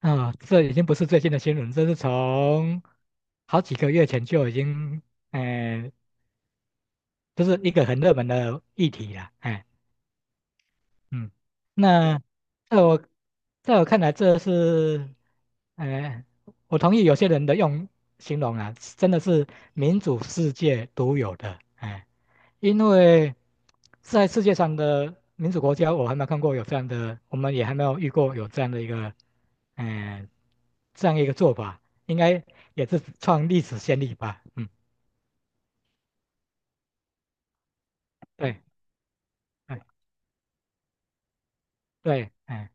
啊，这已经不是最近的新闻，这是从好几个月前就已经，哎，就是一个很热门的议题了，嗯，那在我在我看来，这是，哎，我同意有些人的用形容啊，真的是民主世界独有的，哎，因为在世界上的民主国家，我还没有看过有这样的，我们也还没有遇过有这样的一个，嗯、呃这样一个做法，应该也是创历史先例吧？嗯，对，哎，对，哎，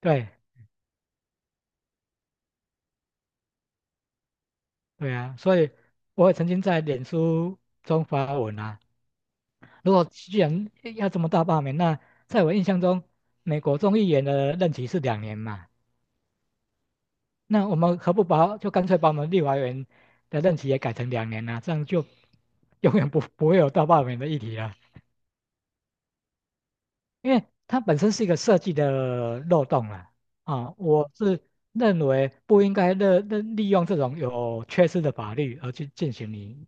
对，对啊，所以我也曾经在脸书中发文啊。如果既然要这么大罢免，那在我印象中，美国众议员的任期是两年嘛，那我们何不把就干脆把我们立法委员的任期也改成两年呢，这样就永远不会有到罢免的议题了，因为它本身是一个设计的漏洞了啊。我是认为不应该利用这种有缺失的法律而去进行你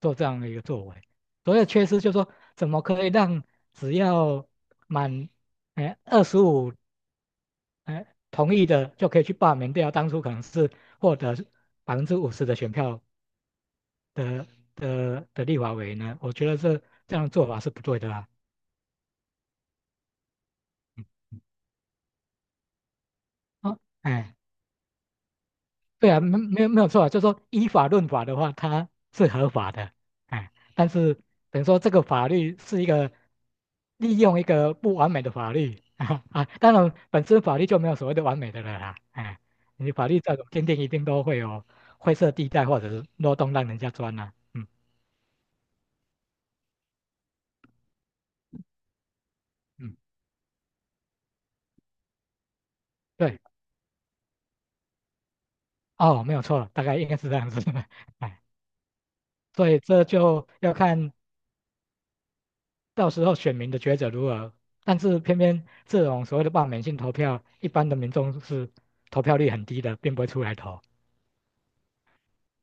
做这样的一个作为。所谓的缺失，就是说怎么可以让只要满25同意的就可以去罢免掉当初可能是获得50%的选票的的立法委员呢？我觉得这样的做法是不对的啦。嗯，哦，哎，对啊，没有没有错啊，就是说依法论法的话，它是合法的，哎，但是等于说这个法律是一个利用一个不完美的法律 啊啊，当然本身法律就没有所谓的完美的了啦，哎，你法律再怎么坚定，一定都会有灰色地带或者是漏洞让人家钻呐。嗯嗯，对，哦，没有错，大概应该是这样子的，哎。所以这就要看到时候选民的抉择如何？但是偏偏这种所谓的罢免性投票，一般的民众是投票率很低的，并不会出来投。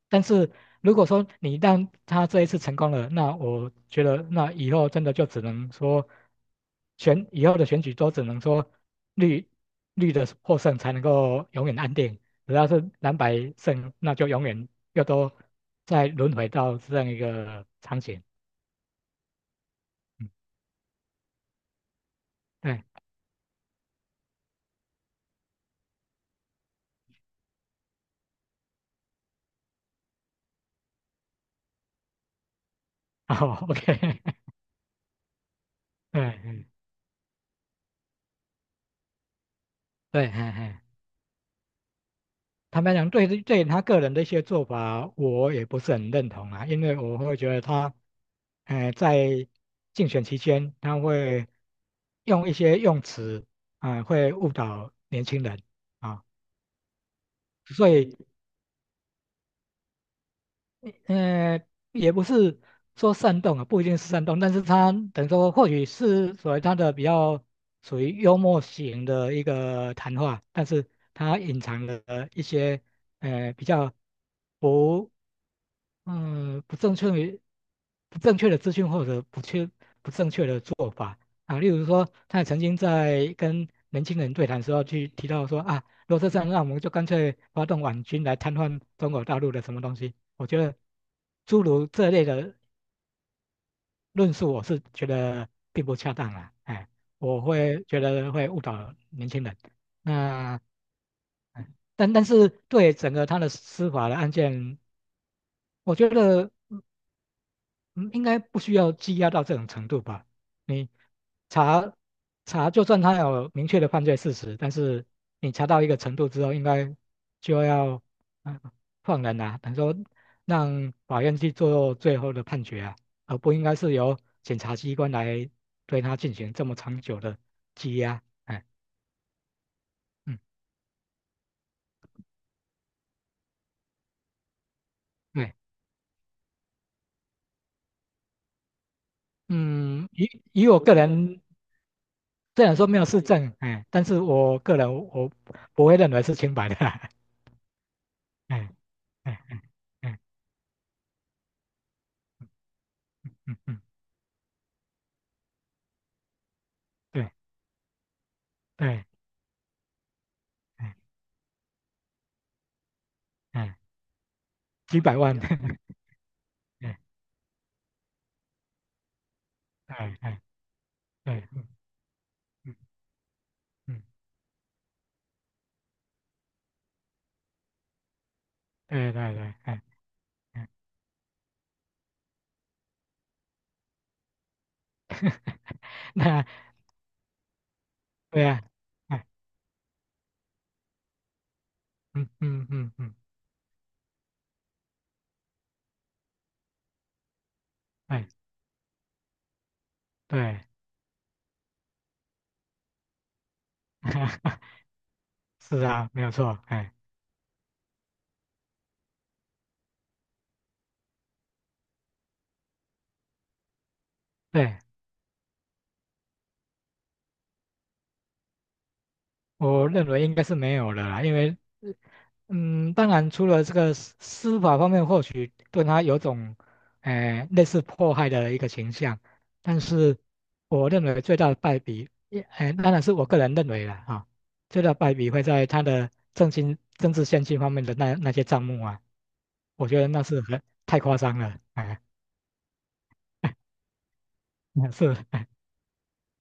但是如果说你一旦他这一次成功了，那我觉得那以后真的就只能说以后的选举都只能说绿绿的获胜才能够永远安定，只要是蓝白胜，那就永远又都再轮回到这样一个场景。嗯，对，好，OK,对，嗯对，嘿嘿。坦白讲，对,对他个人的一些做法，我也不是很认同啊，因为我会觉得他，在竞选期间，他会用一些用词啊，会误导年轻人啊，所以，呃，也不是说煽动啊，不一定是煽动，但是他等于说，或许是所谓他的比较属于幽默型的一个谈话，但是他隐藏了一些，比较不。不正确于不正确的资讯或者不正确的做法啊。例如说，他也曾经在跟年轻人对谈的时候去提到说啊，如果是这样，那我们就干脆发动网军来瘫痪中国大陆的什么东西。我觉得诸如这类的论述，我是觉得并不恰当啊，哎，我会觉得会误导年轻人。那但是对整个他的司法的案件，我觉得。嗯，应该不需要羁押到这种程度吧？你查查，就算他有明确的犯罪事实，但是你查到一个程度之后，应该就要嗯放人啊，等于说让法院去做最后的判决啊，而不应该是由检察机关来对他进行这么长久的羁押。哎，嗯，对，嗯，以我个人虽然说没有事证，哎，但是我个人我不会认为是清白的啊。哎哎哎哎哎哎嗯嗯，对对，哎哎，几百万，哎哎哎对，嗯嗯嗯，对对对，哎哎，那对呀哎嗯嗯嗯嗯，哎对，是啊，没有错，哎，对，我认为应该是没有了啦，因为呃当然，除了这个司法方面，或许对他有种，类似迫害的一个倾向，但是我认为最大的败笔，也，当然是我个人认为了哈，最大的败笔会在他的政经政治献金方面的那些账目啊，我觉得那是很太夸张了，哎。那是，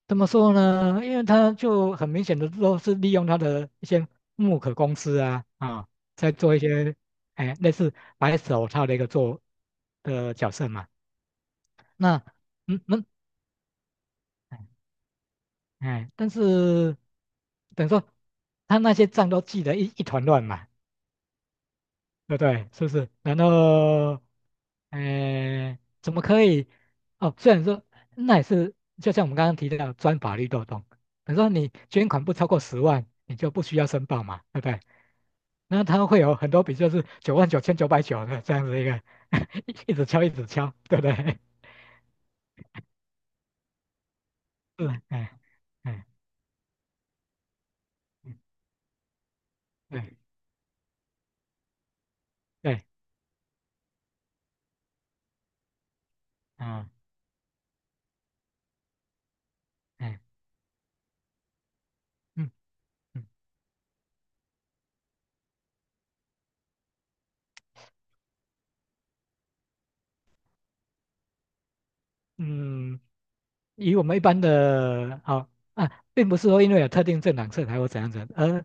怎么说呢？因为他就很明显的都是利用他的一些木可公司啊，啊，在做一些哎类似白手套的一个做的角色嘛。那那哎，但是等于说他那些账都记得一团乱嘛，对不对？是不是？然后，哎，怎么可以？哦，虽然说那也是，就像我们刚刚提到的钻法律漏洞，比如说你捐款不超过10万，你就不需要申报嘛，对不对？那它会有很多笔，就是九万九千九百九的这样子一个，一直敲一直敲，对不对？是，哎，哎，嗯对对，啊，哎，嗯嗯嗯，以我们一般的，好，啊，并不是说因为有特定政党色彩或怎样子，而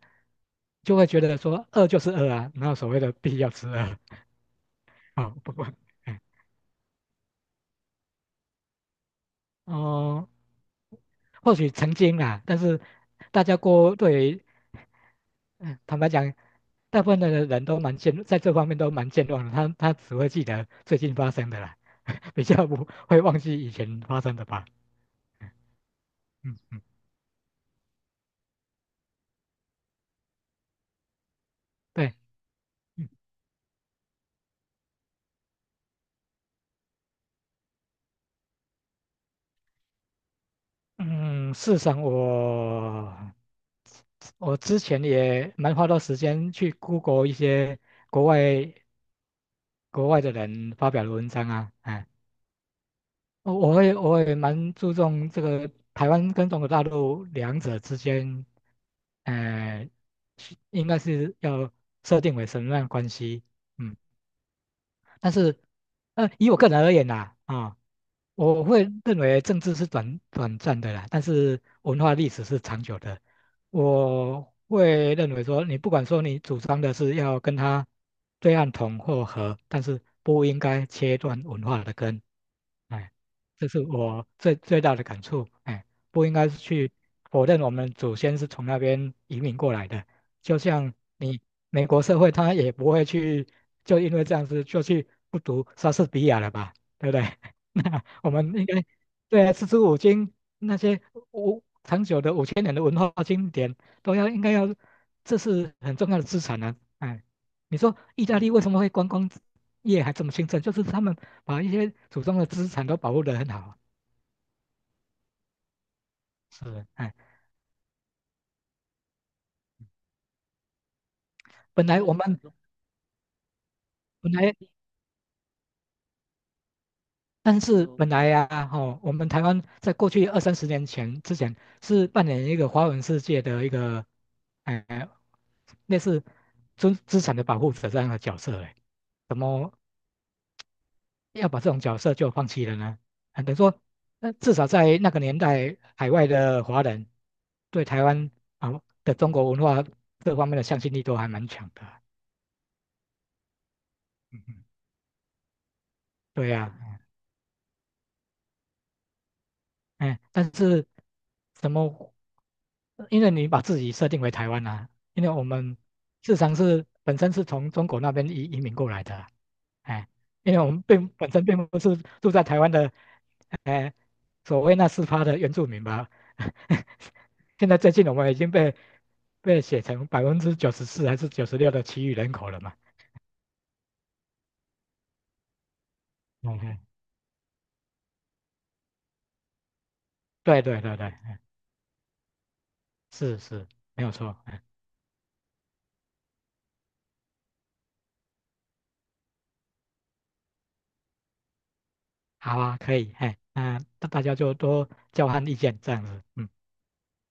就会觉得说饿就是饿啊，哪有所谓的必要吃饿啊。哦不过，哎哦，或许曾经啦，但是大家过对于嗯，坦白讲，大部分的人都在这方面都蛮健忘的，他只会记得最近发生的啦，比较不会忘记以前发生的吧。嗯嗯，嗯对，嗯嗯，事实上我之前也蛮花多时间去 Google 一些国外国外的人发表的文章啊，哎。我也蛮注重这个台湾跟中国大陆两者之间，呃，是应该是要设定为什么样的关系，嗯，但是，以我个人而言呐，啊、我会认为政治是短暂的啦，但是文化历史是长久的。我会认为说，你不管说你主张的是要跟他对岸统或和，但是不应该切断文化的根。哎，这是我最大的感触。哎，不应该是去否认我们祖先是从那边移民过来的。就像你美国社会，他也不会去就因为这样子就去不读莎士比亚了吧，对不对？我们应该对啊，四书五经那些长久的5000年的文化经典都要应该要，这是很重要的资产啊。哎，你说意大利为什么会观光业还这么兴盛？就是他们把一些祖宗的资产都保护得很好。是，哎，本来我们本来，但是本来呀，啊，吼，我们台湾在过去二三十年前之前是扮演一个华文世界的一个，哎，类似资产的保护者这样的角色，哎，怎么要把这种角色就放弃了呢？啊，等于说，至少在那个年代，海外的华人对台湾啊的中国文化这方面的向心力都还蛮强的。嗯嗯对呀，哎，但是怎么？因为你把自己设定为台湾啊，因为我们市场是本身是从中国那边移民过来的啊，哎，因为我们并本身并不是住在台湾的，哎，所谓那4%的原住民吧。现在最近我们已经被写成94%还是九十六的其余人口了嘛？嗯嗯，对对对对，是是，没有错。嗯，好啊，可以，哎，那大家就多交换意见这样子，嗯。